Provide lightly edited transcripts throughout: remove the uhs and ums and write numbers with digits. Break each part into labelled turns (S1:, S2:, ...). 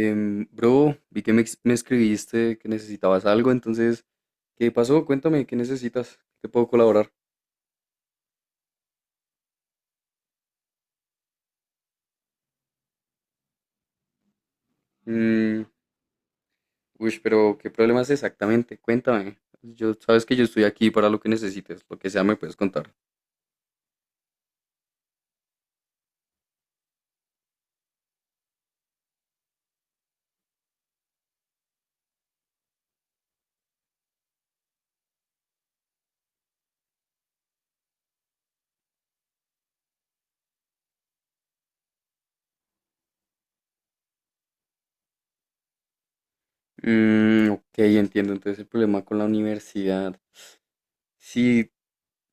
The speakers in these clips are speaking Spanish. S1: Bro, vi que me escribiste que necesitabas algo, entonces, ¿qué pasó? Cuéntame, ¿qué necesitas? ¿Te puedo colaborar? Mm, Uy, pero ¿qué problemas exactamente? Cuéntame. Sabes que yo estoy aquí para lo que necesites, lo que sea me puedes contar. Ok, entiendo. Entonces el problema con la universidad. Sí,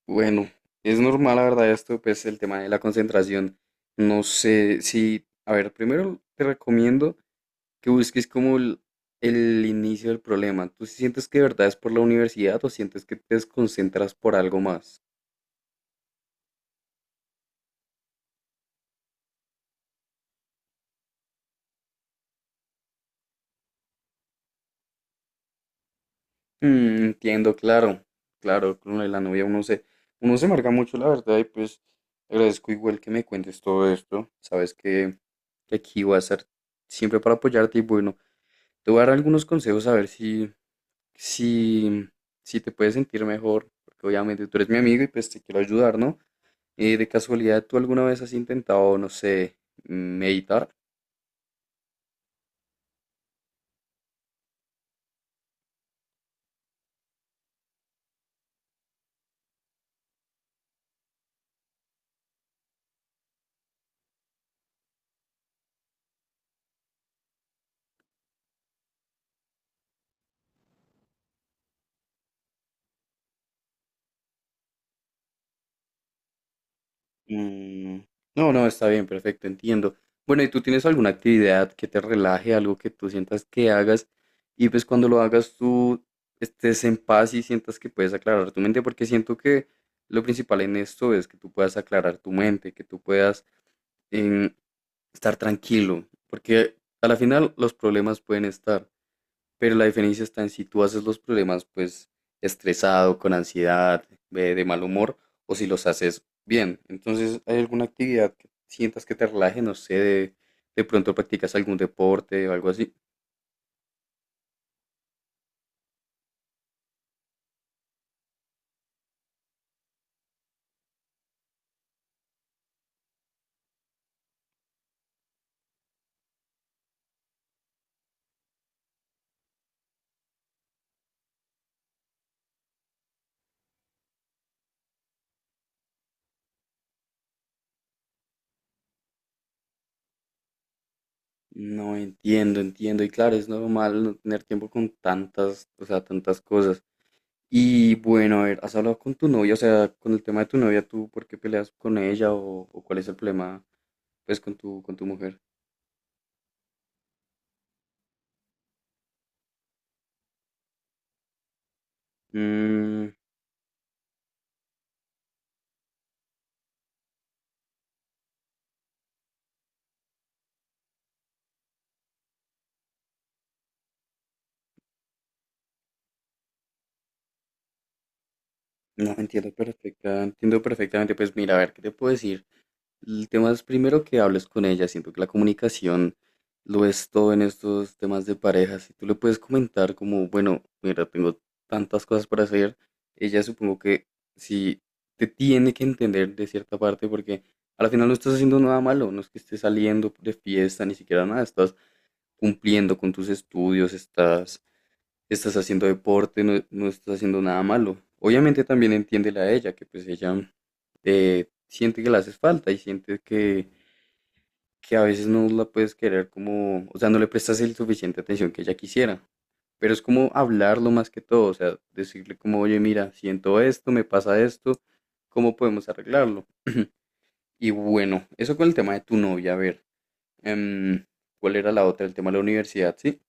S1: bueno, es normal, la verdad, esto, pues el tema de la concentración. No sé si, a ver, primero te recomiendo que busques como el inicio del problema. ¿Tú sí sientes que de verdad es por la universidad o sientes que te desconcentras por algo más? Entiendo, claro, claro, con lo de la novia uno se marca mucho, la verdad, y pues agradezco igual que me cuentes todo esto. Sabes que aquí voy a estar siempre para apoyarte y bueno, te voy a dar algunos consejos a ver si, si te puedes sentir mejor, porque obviamente tú eres mi amigo y pues te quiero ayudar, ¿no? De casualidad, ¿tú alguna vez has intentado, no sé, meditar? Mm, No, no, está bien, perfecto, entiendo. Bueno, ¿y tú tienes alguna actividad que te relaje, algo que tú sientas que hagas y pues cuando lo hagas tú estés en paz y sientas que puedes aclarar tu mente? Porque siento que lo principal en esto es que tú puedas aclarar tu mente, que tú puedas em, estar tranquilo, porque a la final los problemas pueden estar. Pero la diferencia está en si tú haces los problemas pues estresado, con ansiedad, de mal humor, o si los haces bien. Entonces, ¿hay alguna actividad que sientas que te relaje? No sé, de pronto practicas algún deporte o algo así. No, entiendo, entiendo. Y claro, es normal no tener tiempo con tantas, o sea, tantas cosas. Y bueno, a ver, ¿has hablado con tu novia? O sea, con el tema de tu novia, ¿tú por qué peleas con ella o cuál es el problema, pues, con tu mujer? Mm, No, entiendo perfecta, entiendo perfectamente. Pues mira, a ver, ¿qué te puedo decir? El tema es primero que hables con ella. Siento que la comunicación lo es todo en estos temas de pareja. Si tú le puedes comentar como, bueno, mira, tengo tantas cosas para hacer, ella supongo que sí te tiene que entender de cierta parte porque al final no estás haciendo nada malo, no es que estés saliendo de fiesta, ni siquiera nada, estás cumpliendo con tus estudios, estás haciendo deporte, no, no estás haciendo nada malo. Obviamente también entiéndela a ella, que pues ella siente que le haces falta y siente que a veces no la puedes querer como, o sea, no le prestas el suficiente atención que ella quisiera. Pero es como hablarlo más que todo, o sea, decirle como, oye, mira, siento esto, me pasa esto, ¿cómo podemos arreglarlo? Y bueno, eso con el tema de tu novia, a ver, em, ¿cuál era la otra? El tema de la universidad, ¿sí?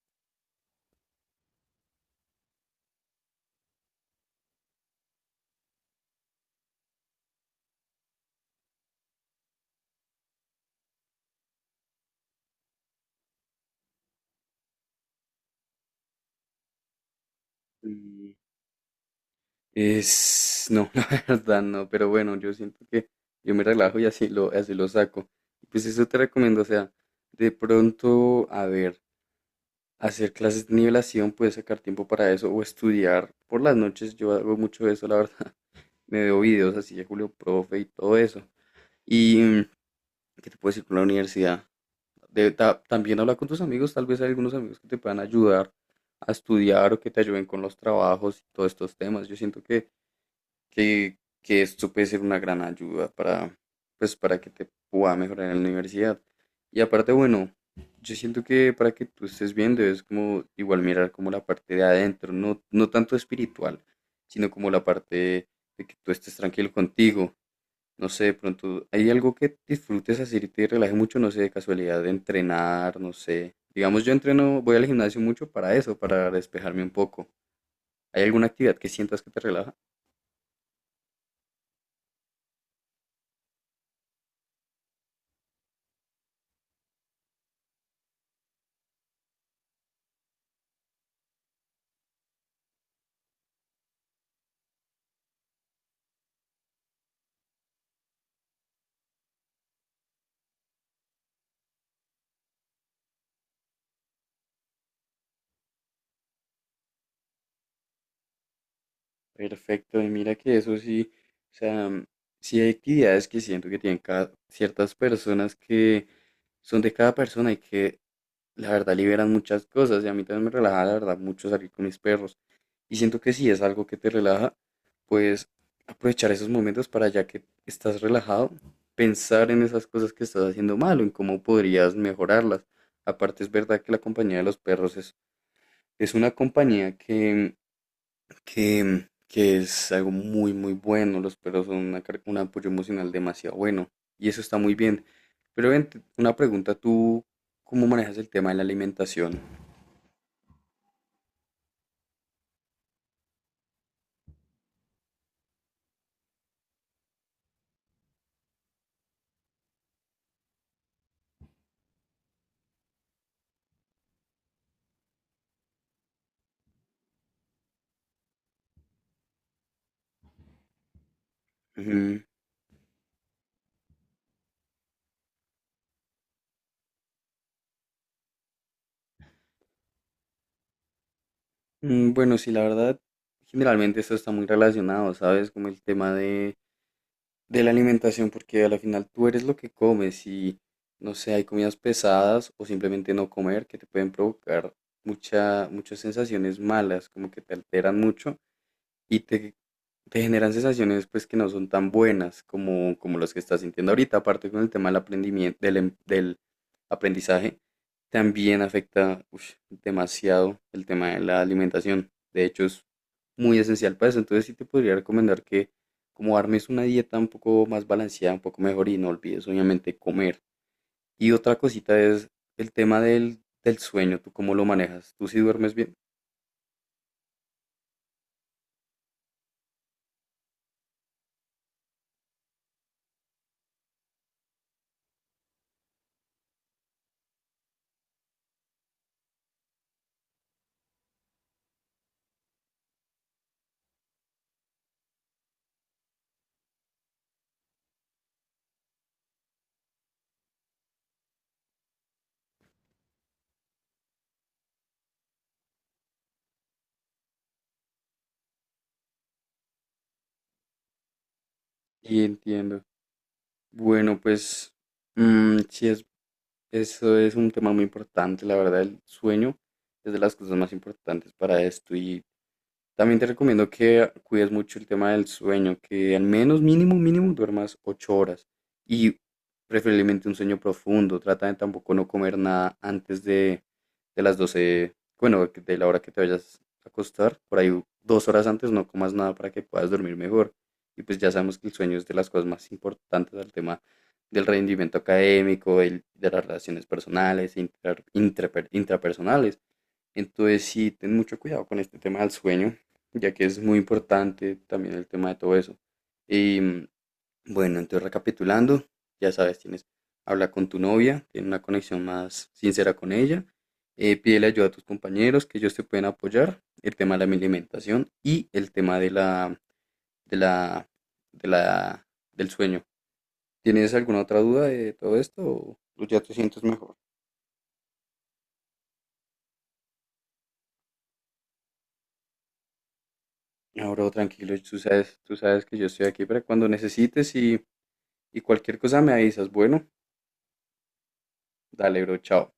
S1: Mm, Es, no, la verdad no, pero bueno, yo siento que yo me relajo y así lo saco. Pues eso te recomiendo, o sea, de pronto, a ver, hacer clases de nivelación, puedes sacar tiempo para eso o estudiar por las noches, yo hago mucho eso, la verdad. Me veo videos así de Julio Profe y todo eso. Y qué te puedo decir con la universidad. También habla con tus amigos, tal vez hay algunos amigos que te puedan ayudar a estudiar o que te ayuden con los trabajos y todos estos temas. Yo siento que, que esto puede ser una gran ayuda pues, para que te pueda mejorar en la universidad. Y aparte, bueno, yo siento que para que tú estés viendo es como igual mirar como la parte de adentro, no, no tanto espiritual, sino como la parte de que tú estés tranquilo contigo. No sé, de pronto hay algo que disfrutes hacer y te relaje mucho, no sé, de casualidad, de entrenar, no sé. Digamos, yo entreno, voy al gimnasio mucho para eso, para despejarme un poco. ¿Hay alguna actividad que sientas que te relaja? Perfecto, y mira que eso sí, o sea, sí hay actividades que siento que tienen ciertas personas que son de cada persona y que la verdad liberan muchas cosas y a mí también me relaja la verdad mucho salir con mis perros y siento que si es algo que te relaja, pues aprovechar esos momentos para ya que estás relajado, pensar en esas cosas que estás haciendo mal o en cómo podrías mejorarlas. Aparte es verdad que la compañía de los perros es una compañía que que es algo muy, muy bueno. Los perros son un apoyo emocional demasiado bueno y eso está muy bien. Pero ven, una pregunta, ¿tú cómo manejas el tema de la alimentación? Ujú. Bueno, sí, la verdad, generalmente esto está muy relacionado, ¿sabes? Como el tema de la alimentación, porque a la final tú eres lo que comes y, no sé, hay comidas pesadas o simplemente no comer que te pueden provocar muchas sensaciones malas, como que te alteran mucho y te generan sensaciones pues que no son tan buenas como, como las que estás sintiendo ahorita, aparte con el tema del aprendimiento, del aprendizaje, también afecta ush, demasiado el tema de la alimentación. De hecho, es muy esencial para eso. Entonces sí te podría recomendar que como armes una dieta un poco más balanceada, un poco mejor y no olvides obviamente comer. Y otra cosita es el tema del sueño, ¿tú cómo lo manejas? ¿Tú sí duermes bien? Y entiendo. Bueno, pues... sí es Eso es un tema muy importante, la verdad, el sueño es de las cosas más importantes para esto y también te recomiendo que cuides mucho el tema del sueño, que al menos mínimo, mínimo duermas 8 horas y preferiblemente un sueño profundo. Trata de tampoco no comer nada de las 12 bueno, de la hora que te vayas a acostar. Por ahí 2 horas antes no comas nada para que puedas dormir mejor. Y pues ya sabemos que el sueño es de las cosas más importantes al tema del rendimiento académico, de las relaciones personales, e intrapersonales. Entonces sí, ten mucho cuidado con este tema del sueño ya que es muy importante también el tema de todo eso. Y bueno, entonces recapitulando, ya sabes, tienes, habla con tu novia, tiene una conexión más sincera con ella, pídele ayuda a tus compañeros que ellos te pueden apoyar, el tema de la alimentación y el tema de la, de la, del sueño. ¿Tienes alguna otra duda de todo esto o ya te sientes mejor? Ahora tranquilo, tú sabes que yo estoy aquí para cuando necesites y cualquier cosa me avisas. Bueno, dale, bro, chao.